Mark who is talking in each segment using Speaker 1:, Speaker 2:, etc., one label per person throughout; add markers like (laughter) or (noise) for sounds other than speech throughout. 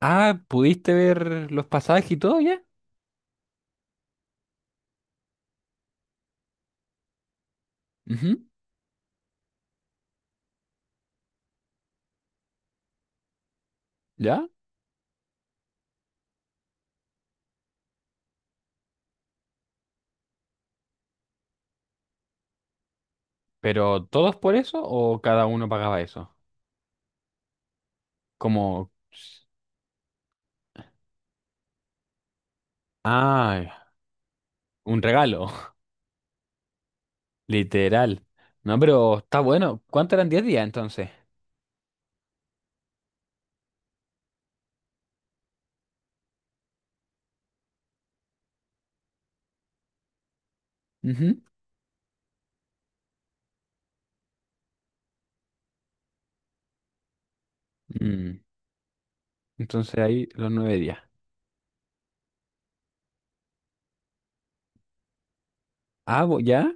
Speaker 1: Ah, ¿pudiste ver los pasajes y todo ya? Ujú. ¿Ya? ¿Pero todos por eso o cada uno pagaba eso? Como. Ah, un regalo, (laughs) literal. No, pero está bueno. ¿Cuántos eran 10 días entonces? Ujú. Mm, entonces ahí los 9 días. Ah, ¿ya?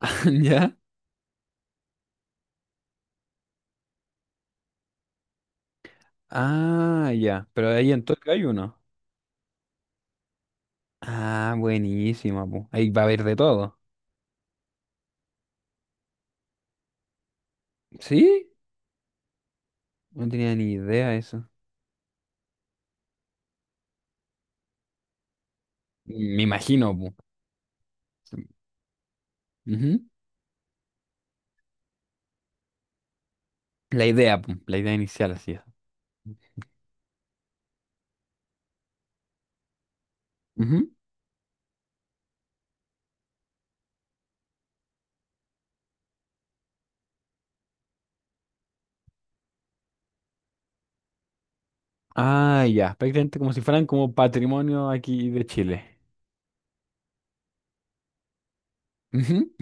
Speaker 1: (laughs) ¿Ya? Ah, ya. Pero ahí en Tokio hay uno. Ah, buenísimo, pu. Ahí va a haber de todo. ¿Sí? No tenía ni idea eso. Me imagino, pu. Ujú. La idea inicial, así es. Ujú. Ah, ya, prácticamente como si fueran como patrimonio aquí de Chile. Ujú.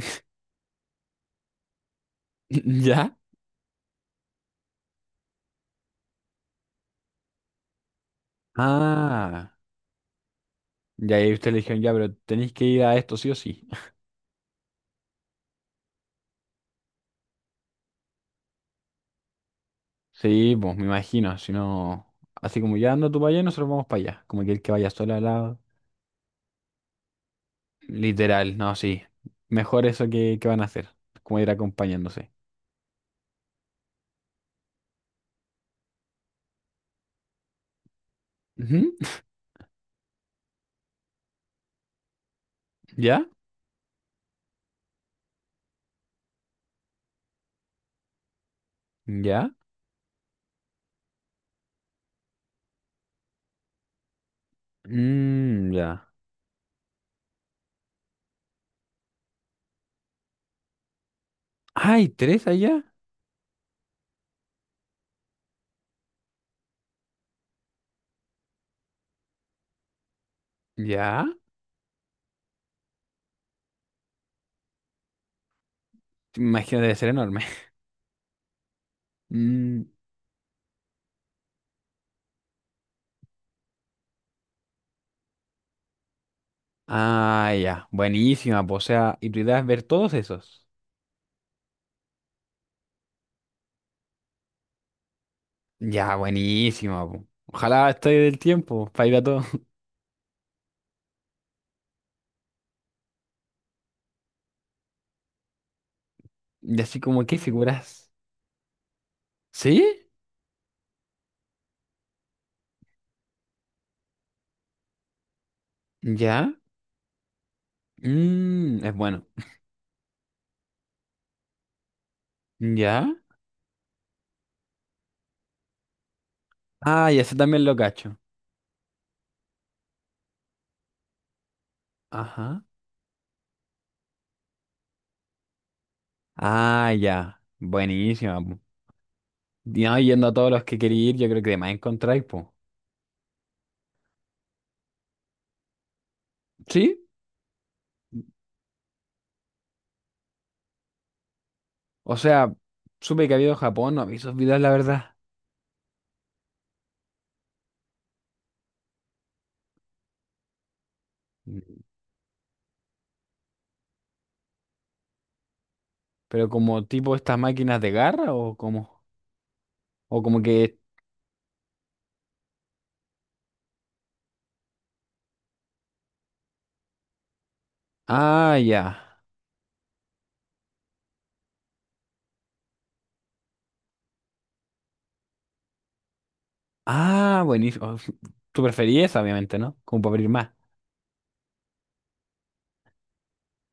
Speaker 1: (laughs) ¿Ya? Ah, ya ahí ustedes le dijeron, ya, pero tenéis que ir a esto sí o sí. Sí, pues me imagino, si no, así como ya anda tú para allá, nosotros vamos para allá, como que el que vaya solo al lado. Literal, no, sí. Mejor eso que van a hacer, como ir acompañándose. Ujú. ¿Ya? ¿Ya? Mm, ya. ¡Ay, tres allá! ¿Ya? Imagino, debe ser enorme. Mm, ah, ya, buenísima, po. O sea, ¿y tu idea es ver todos esos? Ya, buenísima, po. Ojalá esté del tiempo para ir a todos. (laughs) Y así como, ¿qué figuras? ¿Sí? ¿Ya? Mm, es bueno. ¿Ya? Ah, ya, ese también lo cacho. Ajá. Ah, ya, buenísima, po. Y no, yendo a todos los que quería ir, yo creo que de más encontráis, po. ¿Sí? O sea, supe que había ido Japón, no vi esos videos, la verdad. Mm. Pero como tipo estas máquinas de garra o como. O como que. Ah, ya. Ah, buenísimo. Oh, tú preferís esa, obviamente, ¿no? Como para abrir más.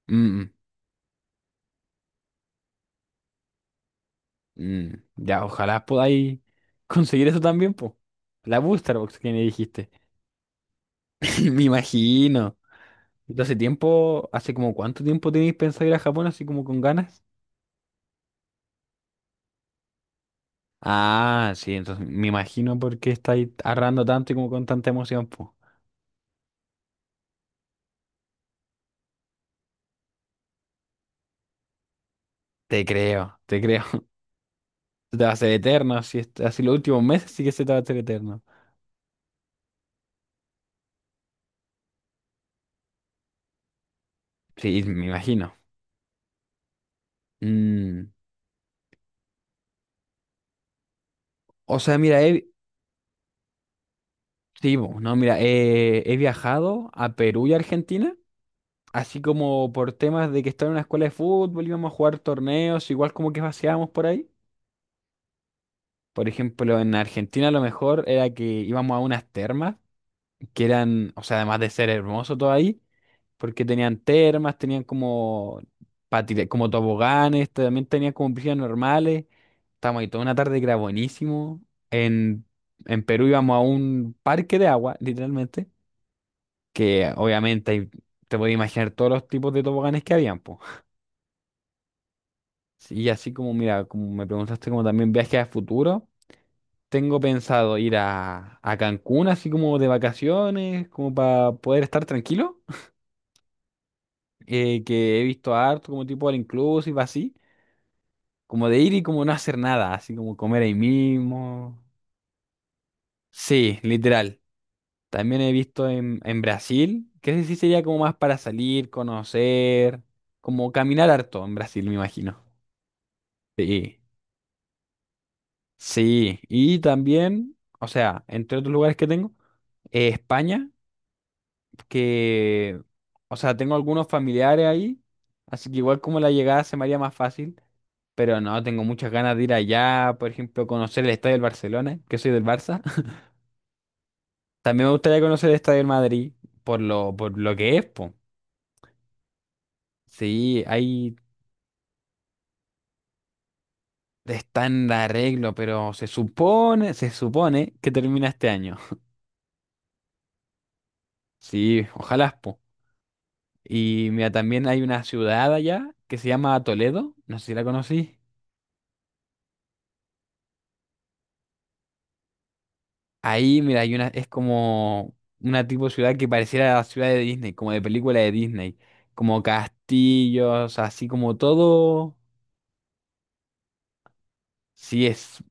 Speaker 1: Mm. Mm. Mm. Ya, ojalá podáis (laughs) conseguir eso también, po. La Booster Box que me dijiste. (laughs) Me imagino. Entonces, ¿hace como cuánto tiempo tenéis pensado ir a Japón así como con ganas? Ah, sí, entonces me imagino por qué estáis arrando tanto y como con tanta emoción, po. Te creo, te creo. (laughs) Se te va a hacer eterno, así, así los últimos meses sí que se te va a hacer eterno. Sí, me imagino. Mm. O sea, mira, sí, bo, no, mira, he viajado a Perú y Argentina, así como por temas de que estaba en una escuela de fútbol, íbamos a jugar torneos, igual como que paseábamos por ahí. Por ejemplo, en Argentina lo mejor era que íbamos a unas termas, que eran, o sea, además de ser hermoso todo ahí, porque tenían termas, tenían como, como toboganes, también tenían como piscinas normales. Estábamos ahí toda una tarde que era buenísimo. En, en Perú íbamos a un parque de agua, literalmente que obviamente te puedes imaginar todos los tipos de toboganes que habían, pues. Y así como, mira, como me preguntaste como también viajes a futuro, tengo pensado ir a Cancún así como de vacaciones, como para poder estar tranquilo, que he visto harto como tipo all inclusive así, como de ir y como no hacer nada, así como comer ahí mismo. Sí, literal. También he visto en Brasil, que ese sí sería como más para salir, conocer, como caminar harto en Brasil, me imagino. Sí. Sí, y también, o sea, entre otros lugares que tengo, España, que, o sea, tengo algunos familiares ahí, así que igual como la llegada se me haría más fácil, pero no, tengo muchas ganas de ir allá, por ejemplo, conocer el Estadio del Barcelona, que soy del Barça. (laughs) También me gustaría conocer el Estadio del Madrid, por lo que es, po. Sí, ahí está en arreglo, pero se supone que termina este año. (laughs) Sí, ojalá, po. Y mira, también hay una ciudad allá que se llama Toledo, no sé si la conocí. Ahí, mira, hay una, es como una tipo de ciudad que pareciera la ciudad de Disney, como de película de Disney, como castillos, así como todo. Sí es,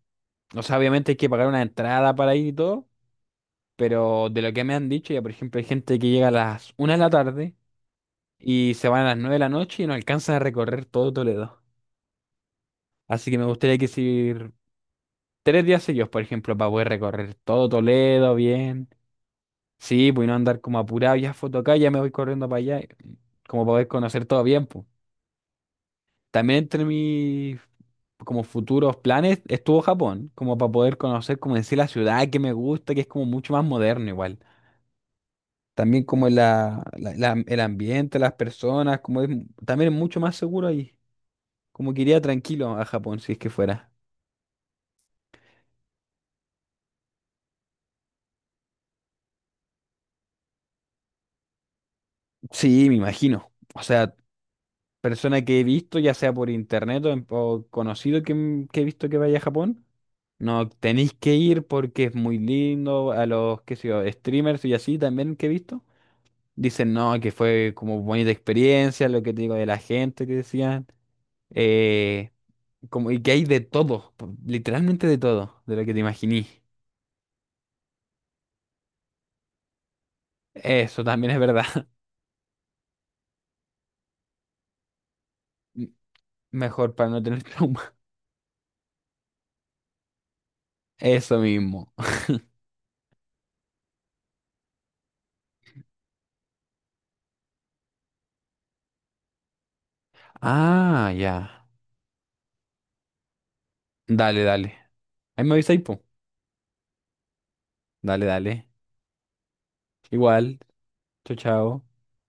Speaker 1: o sea, obviamente hay que pagar una entrada para ir y todo, pero de lo que me han dicho, ya por ejemplo, hay gente que llega a las una de la tarde y se van a las 9 de la noche y no alcanzan a recorrer todo Toledo. Así que me gustaría que si 3 días seguidos, por ejemplo, para poder recorrer todo Toledo bien. Sí, pues y no andar como apurado, ya foto acá, ya me voy corriendo para allá, como para poder conocer todo bien, pues. También entre mis como futuros planes estuvo Japón, como para poder conocer, como decir, la ciudad que me gusta, que es como mucho más moderno igual. También como la, el ambiente, las personas, como es, también es mucho más seguro ahí. Como que iría tranquilo a Japón si es que fuera. Sí, me imagino. O sea, persona que he visto, ya sea por internet o, o conocido que, que he visto que vaya a Japón, no tenéis que ir porque es muy lindo. A los, qué sé yo, streamers y así también que he visto, dicen no, que fue como bonita experiencia, lo que te digo de la gente que decían. Eh, como, y que hay de todo, literalmente de todo, de lo que te imaginí. Eso también es verdad. (laughs) M- Mejor para no tener trauma. (laughs) Eso mismo. Ah, ya. Dale, dale. Ahí me avisáis, po. Dale, dale. Igual. Chao, chao.